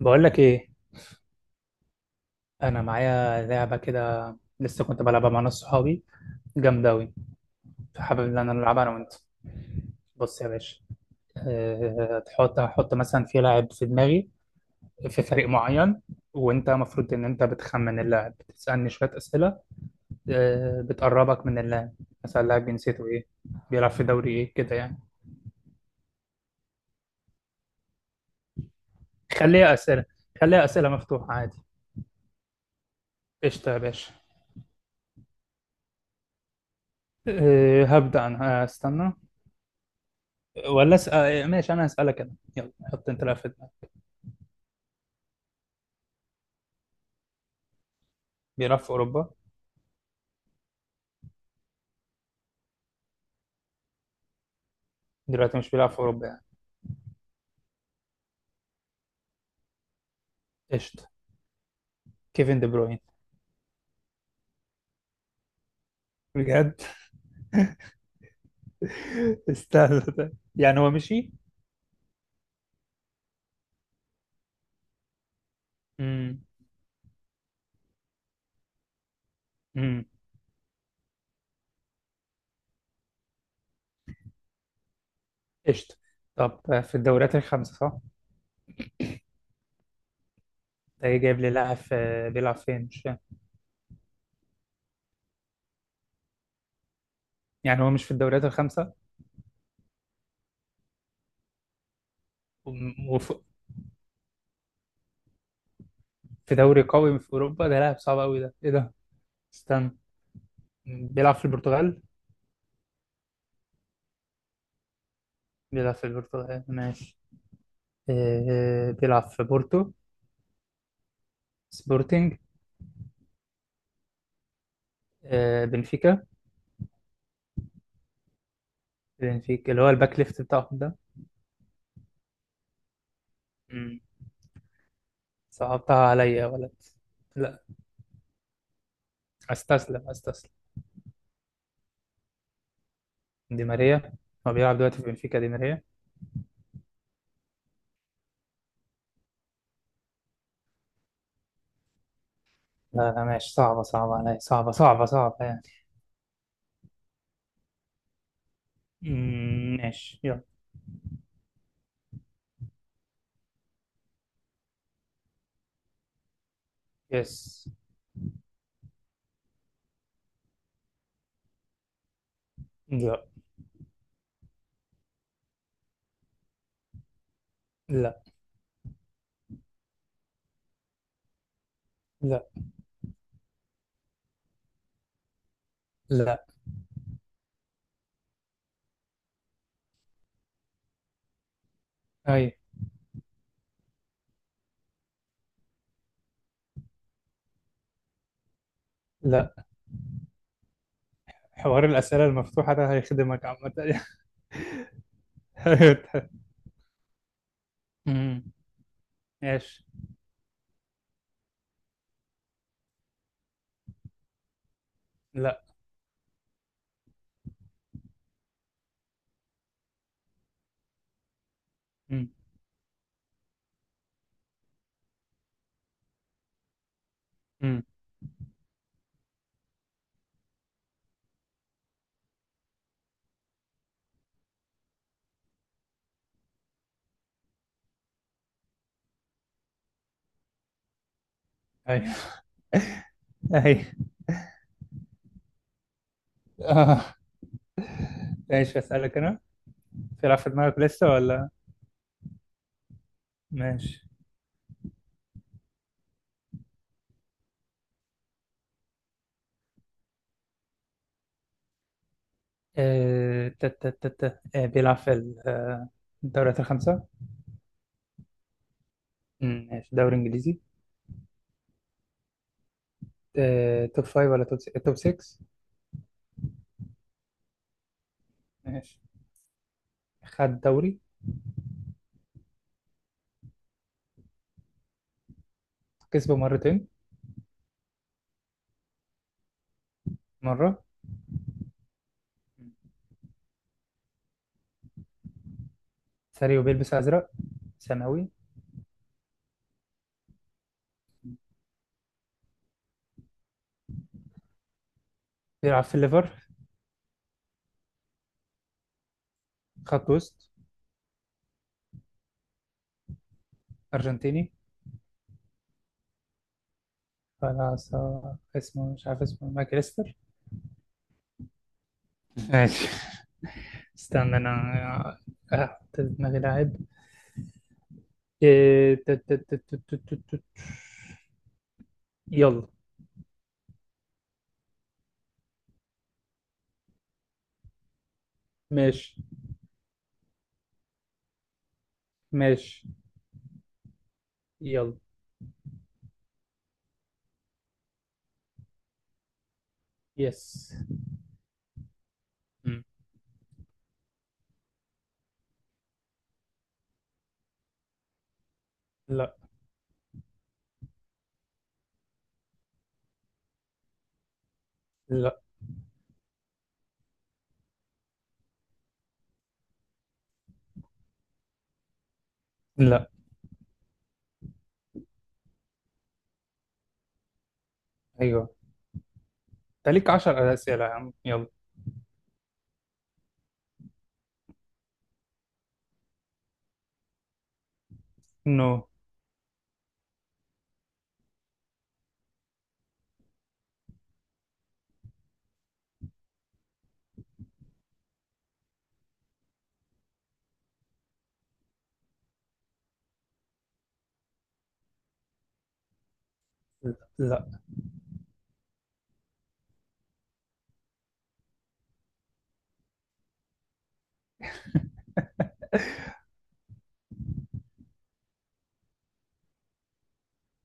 بقول لك ايه. انا معايا لعبه كده، لسه كنت بلعبها مع ناس صحابي. جامده اوي. حابب ان انا العبها انا وانت. بص يا باشا. تحط، هحط مثلا في لاعب في دماغي، في فريق معين. وانت المفروض ان انت بتخمن اللاعب، بتسالني شويه اسئله بتقربك من اللاعب. مثلا اللاعب جنسيته ايه؟ بيلعب في دوري ايه كده يعني؟ خليها اسئله، خليها اسئله مفتوحه عادي. قشطه يا باشا. هبدا انا، استنى. ولا اسال، ماشي انا هسالك انا. يلا حط انت لاعب في دماغك. بيلعب في اوروبا. دلوقتي مش بيلعب في اوروبا يعني؟ قشطه. كيفن دي بروين. بجد. استنى طيب. يعني هو مشي؟ امم. امم. قشطه. طب في الدوريات الخمسه، صح؟ ده إيه جايب لي لاعب بيلعب فين مش فاهم. يعني هو مش في الدوريات الخمسه. وفي دوري قوي في اوروبا، ده لاعب صعب قوي، ده ايه ده؟ استنى. بيلعب في البرتغال. بيلعب في البرتغال، ماشي. بيلعب في بورتو. سبورتينج. بنفيكا. بنفيكا اللي هو الباك ليفت بتاعهم ده. صعبتها عليا يا ولد. لا، استسلم استسلم. دي ماريا. هو بيلعب دلوقتي في بنفيكا دي ماريا؟ لا لا، ماشي. صعبة، صعبة عليا، صعبة صعبة صعبة يعني. أمم، ماشي يلا. يس. لا. لا. لا. لا. أي. لا. حوار الأسئلة المفتوحة ده هيخدمك عامة يعني. أمم، ماشي. لا. أمم. أمم. أي. أي. آه. ماشي أسألك أنا. في لعب في دماغك لسه ولا؟ ماشي. آه، تا- تا- تا- تا. آه، بيلعب في الدوريات الخمسة. مم، ماشي. دوري إنجليزي. توب فايف ولا توب 6؟ ماشي. خد دوري. كسبه مرتين. مرة. سريع وبيلبس أزرق. ثانوي. بيلعب في الليفر. خط وسط. أرجنتيني. ولا اسمه، مش عارف اسمه، ماكريستر. ماشي. استنى أنا. أحط في دماغي لاعب. إيه، يلا. ماشي. ماشي يلا. يس. مم. لا. لا. لا. ايوه. انت ليك 10 اسئله يا عم، يلا. نو. لا. لا.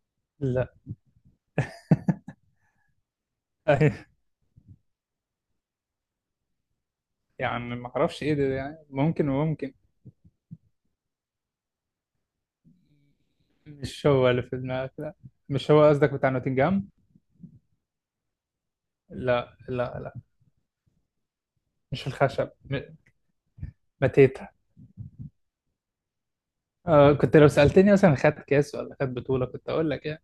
لا. يعني ما اعرفش ايه ده يعني، ممكن وممكن. مش هو اللي في دماغك؟ لا. مش هو قصدك بتاع نوتنجهام؟ لا لا لا. مش الخشب ماتيتا؟ آه، كنت لو سألتني مثلا خد كاس ولا خد بطولة كنت أقول لك يعني.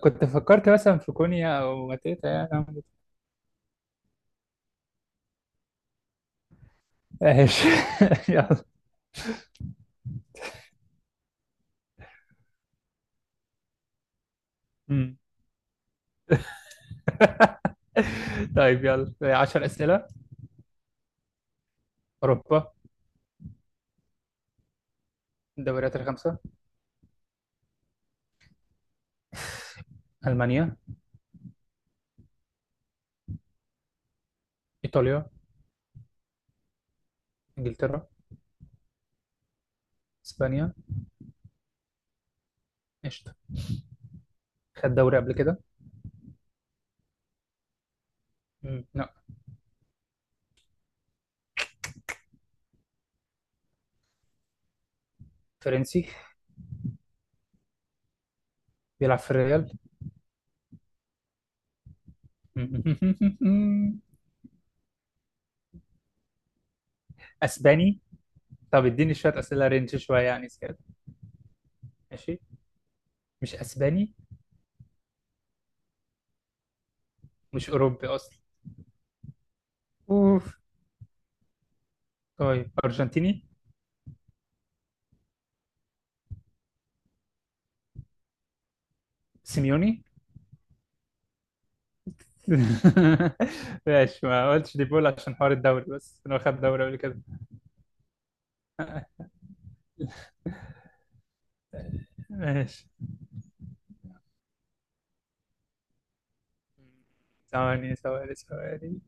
كنت فكرت مثلا في كونيا أو ماتيتا يعني. ايش. يلا. مم. طيب يلا، 10 أسئلة. أوروبا. الدوريات الخمسة. ألمانيا. إيطاليا. إنجلترا. إسبانيا. قشطة. خد دوري قبل كده؟ مم. لا. فرنسي. بيلعب في الريال. مم. أسباني. طب اديني شوية أسئلة، رينج شوية يعني زيادة. ماشي. مش أسباني. مش أوروبي أصلا. أوف. طيب أرجنتيني. سيميوني. ماشي. ما قلتش دي بول عشان حوار الدوري، بس إنه خد دوري قبل كده. ماشي. ثواني ثواني ثواني.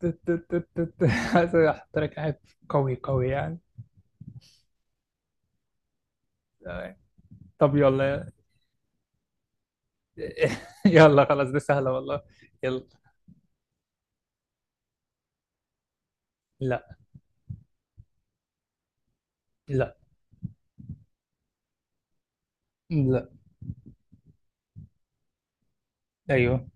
تت- تت- تت- تت. عايز احط لك حاجة قوي قوي يعني. تمام. طب يلا. يلا خلاص، دي سهلة والله. يلا. لا. لا. لا. ايوه.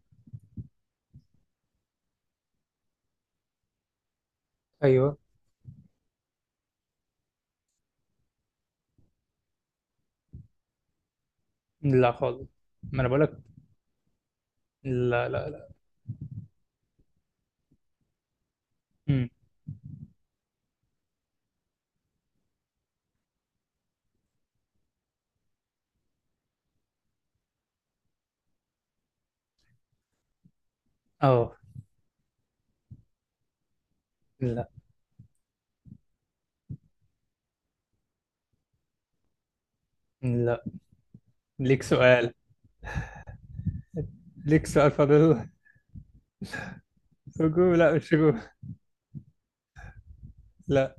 ايوه. لا خالص. ما انا بقولك. لا لا لا. أمم. اه. لا. لا. ليك سؤال. ليك سؤال فاضل. هجوم؟ لا، مش هجوم. لا.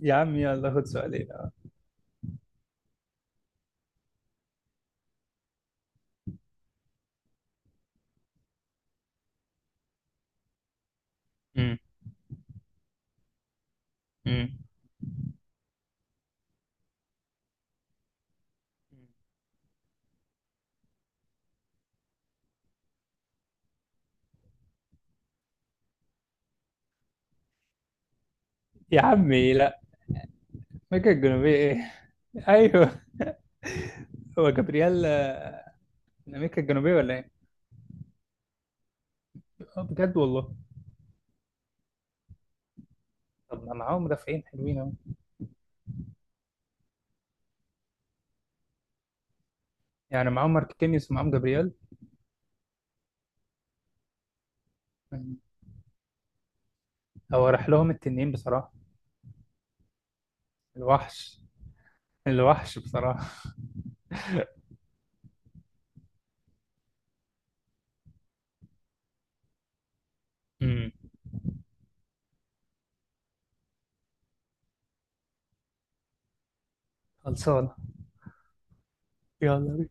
يا عم يلا خد سؤالين. أمم. أمم. يا عمي لا. امريكا الجنوبية ايه؟ ايوه. هو جبريال، من امريكا الجنوبية ولا ايه؟ اه، بجد والله. طب ما معاهم مدافعين حلوين اهو. يعني معاهم ماركينيوس ومعاهم جابرييل. يعني. هو راح لهم التنين بصراحة. الوحش. الوحش بصراحة. امم. خلصانة. يلا.